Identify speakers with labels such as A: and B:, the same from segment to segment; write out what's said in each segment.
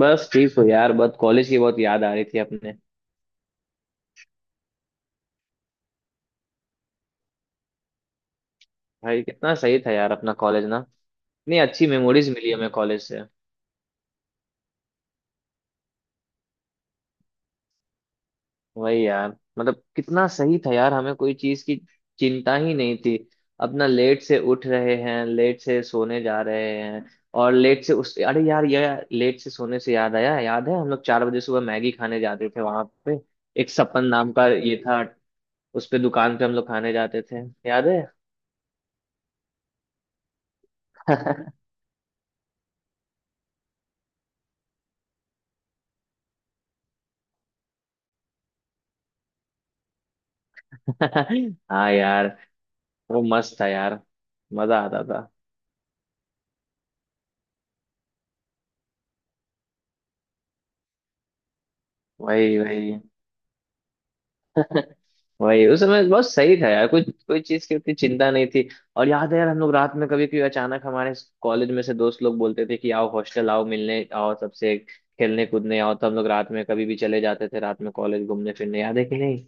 A: बस ठीक हो यार। बहुत कॉलेज की बहुत याद आ रही थी अपने। भाई कितना सही था यार अपना कॉलेज ना। इतनी अच्छी मेमोरीज मिली हमें कॉलेज से। वही यार। मतलब कितना सही था यार, हमें कोई चीज की चिंता ही नहीं थी। अपना लेट से उठ रहे हैं, लेट से सोने जा रहे हैं। और लेट से उस अरे यार यार, लेट से सोने से याद आया, याद है हम लोग 4 बजे सुबह मैगी खाने जाते थे वहां पे? एक सपन नाम का ये था। उस पे दुकान पे हम लोग खाने जाते थे, याद है? हाँ यार। वो मस्त था यार। मजा आता था। वही वही। वही, उस समय बहुत सही था यार, कोई कोई चीज की उतनी चिंता नहीं थी। और याद है यार, हम लोग रात में कभी कभी अचानक हमारे कॉलेज में से दोस्त लोग बोलते थे कि आओ हॉस्टल आओ, मिलने आओ, सबसे खेलने कूदने आओ, तो हम लोग रात में कभी भी चले जाते थे रात में, कॉलेज घूमने फिरने, याद है कि नहीं?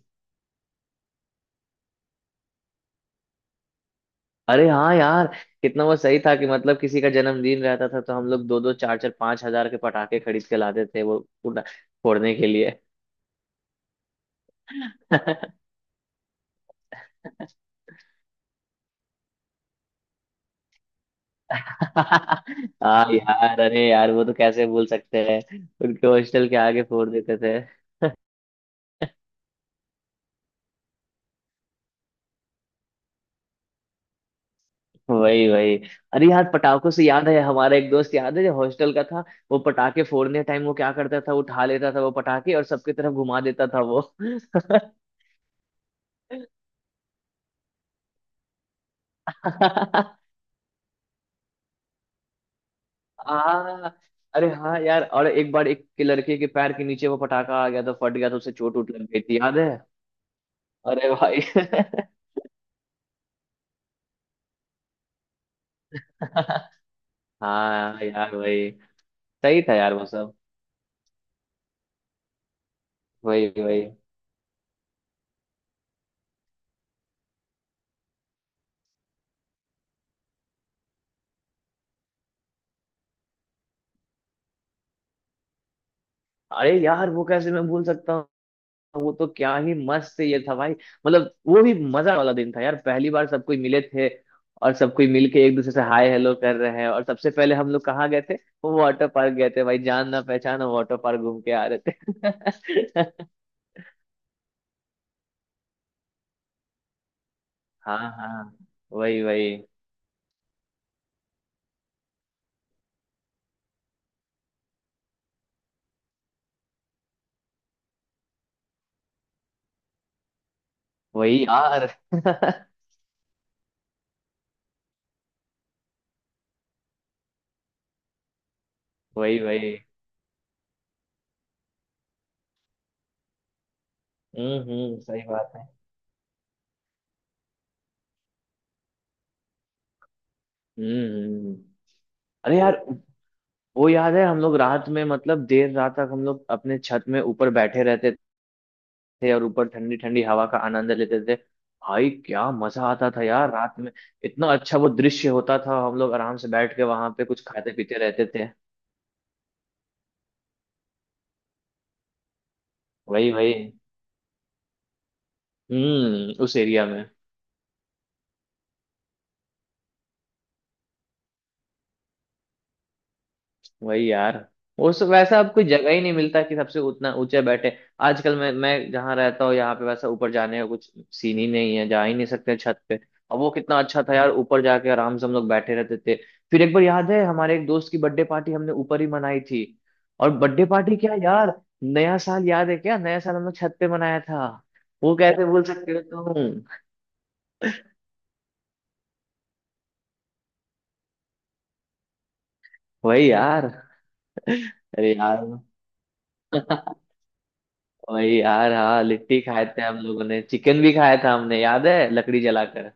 A: अरे हाँ यार। कितना वो सही था कि मतलब किसी का जन्मदिन रहता था तो हम लोग दो दो चार चार 5,000 के पटाखे खरीद के लाते थे वो उड़ा- फोड़ने के लिए। हाँ यार। अरे यार वो तो कैसे भूल सकते हैं। उनके हॉस्टल के आगे फोड़ देते थे। वही वही। अरे यार, पटाखों से याद है हमारा एक दोस्त, याद है जो हॉस्टल का था? वो पटाखे फोड़ने टाइम वो क्या करता था, उठा लेता था वो पटाखे और सबकी तरफ घुमा देता था वो। हाँ। अरे हाँ यार, और एक बार एक के लड़के के पैर के नीचे वो पटाखा आ गया तो फट गया तो उसे चोट उठ लग गई थी, याद है? अरे भाई हाँ यार वही। सही था यार वो सब। वही वही। अरे यार वो कैसे मैं भूल सकता हूँ? वो तो क्या ही मस्त ये था भाई, मतलब वो भी मजा वाला दिन था यार, पहली बार सब कोई मिले थे। और सब कोई मिलके एक दूसरे से हाय हेलो कर रहे हैं, और सबसे पहले हम लोग कहाँ गए थे? वो वाटर पार्क गए थे भाई, जान ना पहचान वाटर पार्क घूम के आ रहे थे। हाँ हाँ। वही वही। वही यार। वही वही। हम्म, सही बात है। हम्म हम्म, हम्म। अरे यार वो याद है, हम लोग रात में, मतलब देर रात तक हम लोग अपने छत में ऊपर बैठे रहते थे और ऊपर ठंडी ठंडी हवा का आनंद लेते थे। भाई क्या मजा आता था यार रात में। इतना अच्छा वो दृश्य होता था, हम लोग आराम से बैठ के वहां पे कुछ खाते पीते रहते थे। वही वही। हम्म, उस एरिया में। वही यार। उस वैसा अब कोई जगह ही नहीं मिलता कि सबसे उतना ऊंचे बैठे। आजकल मैं जहाँ रहता हूँ यहाँ पे वैसा ऊपर जाने का कुछ सीन ही नहीं है, जा ही नहीं सकते छत पे। अब वो कितना अच्छा था यार, ऊपर जाके आराम से हम लोग बैठे रहते थे। फिर एक बार याद है हमारे एक दोस्त की बर्थडे पार्टी हमने ऊपर ही मनाई थी। और बर्थडे पार्टी क्या यार, नया साल याद है क्या? नया साल हम लोग छत पे मनाया था। वो कैसे भूल सकते हो तुम? वही यार। अरे यार वही यार हाँ, लिट्टी खाए थे हम लोगों ने, चिकन भी खाया था हमने, याद है लकड़ी जलाकर?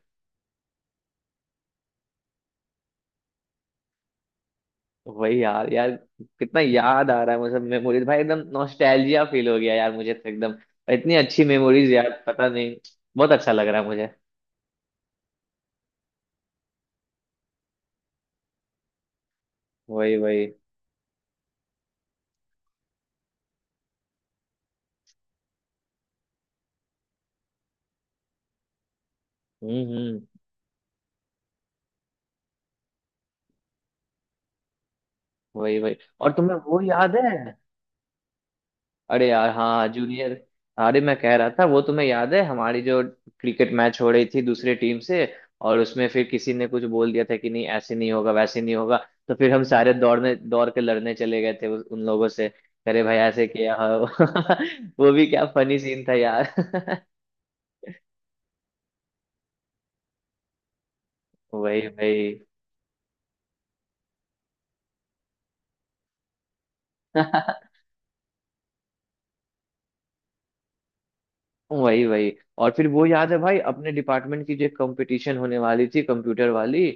A: वही यार यार, कितना याद आ रहा है मुझे मेमोरीज भाई, एकदम नॉस्टैल्जिया फील हो गया यार मुझे तो, एकदम इतनी अच्छी मेमोरीज यार, पता नहीं। बहुत अच्छा लग रहा है मुझे। वही वही। हम्म। वही वही। और तुम्हें वो याद है? अरे यार हाँ, जूनियर। अरे मैं कह रहा था, वो तुम्हें याद है हमारी जो क्रिकेट मैच हो रही थी दूसरे टीम से, और उसमें फिर किसी ने कुछ बोल दिया था कि नहीं ऐसे नहीं होगा, वैसे नहीं होगा, तो फिर हम सारे दौड़ने दौड़ के लड़ने चले गए थे उन लोगों से। अरे भाई ऐसे किया हाँ। वो भी क्या फनी सीन था यार। वही वही। वही वही। और फिर वो याद है भाई अपने डिपार्टमेंट की जो एक कंपटीशन होने वाली थी कंप्यूटर वाली,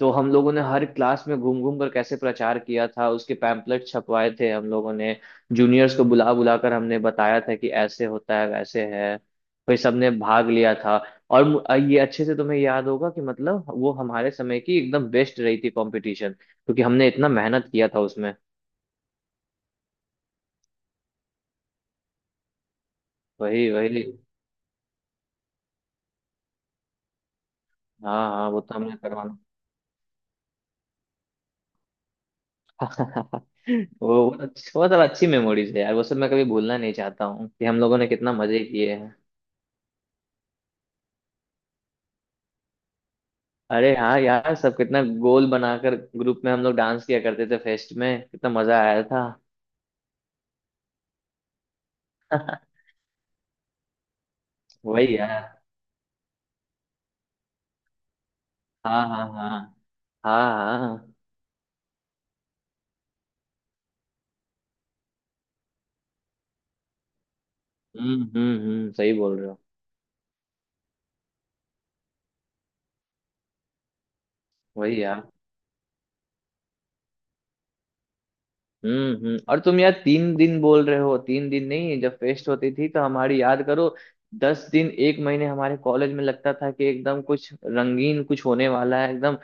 A: तो हम लोगों ने हर क्लास में घूम घूम कर कैसे प्रचार किया था, उसके पैम्पलेट छपवाए थे हम लोगों ने, जूनियर्स को बुला बुला कर हमने बताया था कि ऐसे होता है वैसे है, भाई सबने भाग लिया था। और ये अच्छे से तुम्हें याद होगा कि मतलब वो हमारे समय की एकदम बेस्ट रही थी कंपटीशन, क्योंकि हमने इतना मेहनत किया था उसमें। वही वही। हाँ हाँ, वो तो हमने करवाना। वो सब अच्छी मेमोरीज है यार, वो सब मैं कभी भूलना नहीं चाहता हूँ कि हम लोगों ने कितना मजे किए हैं। अरे हाँ यार, सब कितना गोल बनाकर ग्रुप में हम लोग डांस किया करते थे, फेस्ट में कितना मजा आया था। वही यार। हाँ हाँ हाँ। हाँ हाँ। हम्म, सही बोल रहे हो। वही यार। हम्म, और तुम यार 3 दिन बोल रहे हो, 3 दिन नहीं, जब फेस्ट होती थी तो हमारी याद करो, 10 दिन एक महीने हमारे कॉलेज में लगता था कि एकदम कुछ रंगीन कुछ होने वाला है, एकदम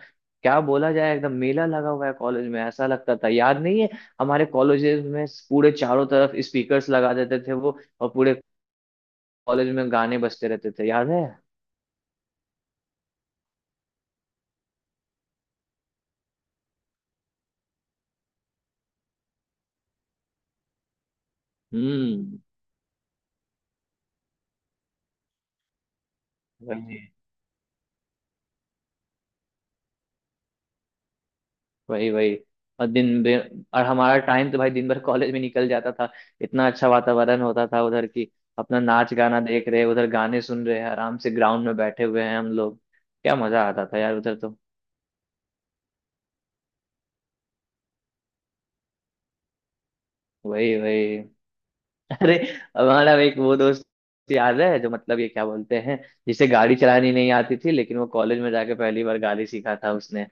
A: क्या बोला जाए, एकदम मेला लगा हुआ है कॉलेज में ऐसा लगता था, याद नहीं है? हमारे कॉलेजेस में पूरे चारों तरफ स्पीकर्स लगा देते थे वो, और पूरे कॉलेज में गाने बजते रहते थे, याद है? हम्म। वही। वही वही। और दिन भर- और हमारा टाइम तो भाई दिन भर कॉलेज में निकल जाता था, इतना अच्छा वातावरण होता था उधर की, अपना नाच गाना देख रहे, उधर गाने सुन रहे हैं, आराम से ग्राउंड में बैठे हुए हैं हम लोग, क्या मजा आता था यार उधर तो। वही वही। अरे, हमारा एक वो दोस्त याद है जो मतलब ये क्या बोलते हैं, जिसे गाड़ी चलानी नहीं आती थी लेकिन वो कॉलेज में जाके पहली बार गाड़ी सीखा था उसने।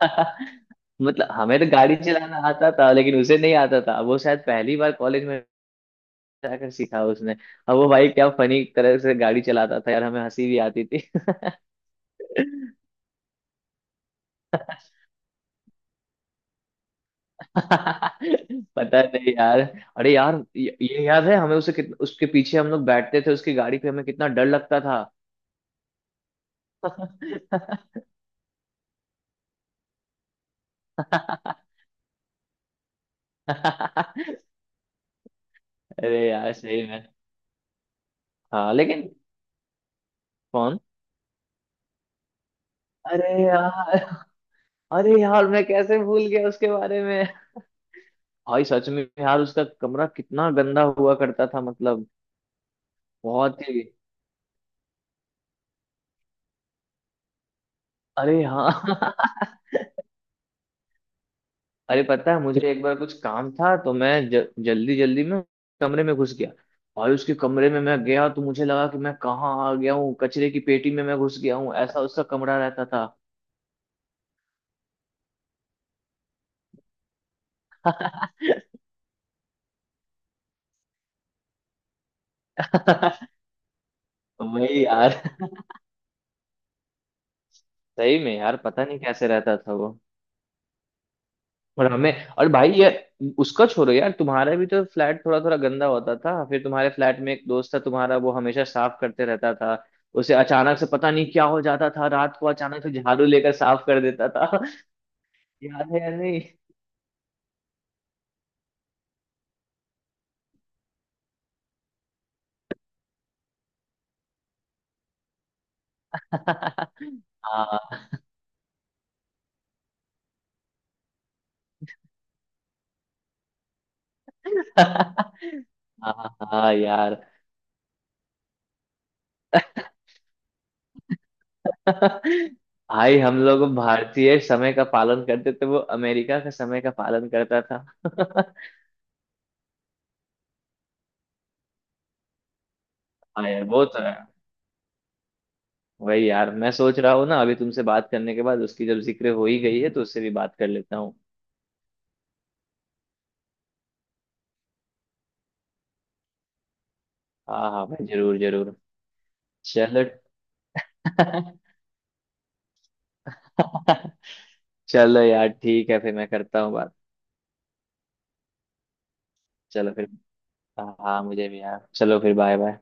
A: मतलब हमें तो गाड़ी चलाना आता था लेकिन उसे नहीं आता था, वो शायद पहली बार कॉलेज में जाकर सीखा उसने। अब वो भाई क्या फनी तरह से गाड़ी चलाता था यार, हमें हंसी भी आती थी। पता नहीं यार। अरे यार, ये याद है हमें उसे उसके पीछे हम लोग बैठते थे उसकी गाड़ी पे, हमें कितना डर लगता था। अरे यार सही में। हाँ लेकिन। कौन? अरे यार, अरे यार मैं कैसे भूल गया उसके बारे में? भाई सच में यार, उसका कमरा कितना गंदा हुआ करता था, मतलब बहुत ही। अरे हाँ। अरे पता है मुझे, एक बार कुछ काम था तो मैं जल्दी जल्दी में कमरे में घुस गया, और उसके कमरे में मैं गया तो मुझे लगा कि मैं कहाँ आ गया हूँ, कचरे की पेटी में मैं घुस गया हूँ, ऐसा उसका कमरा रहता था। वही यार। सही में यार, पता नहीं कैसे रहता था वो। और हमें, और भाई ये उसका छोड़ो यार, तुम्हारा भी तो फ्लैट थोड़ा थोड़ा गंदा होता था, फिर तुम्हारे फ्लैट में एक दोस्त था तुम्हारा, वो हमेशा साफ करते रहता था, उसे अचानक से पता नहीं क्या हो जाता था रात को, अचानक से झाड़ू लेकर साफ कर देता था। याद है या नहीं? हाँ हाँ हाँ यार। भाई हम लोग भारतीय समय का पालन करते थे, वो अमेरिका का समय का पालन करता था। हाँ यार वो तो है। वही यार, मैं सोच रहा हूँ ना, अभी तुमसे बात करने के बाद उसकी जब जिक्र हो ही गई है तो उससे भी बात कर लेता हूँ। हाँ हाँ भाई जरूर जरूर। चलो। चलो यार ठीक है, फिर मैं करता हूँ बात। चलो फिर। हाँ मुझे भी यार, चलो फिर बाय बाय।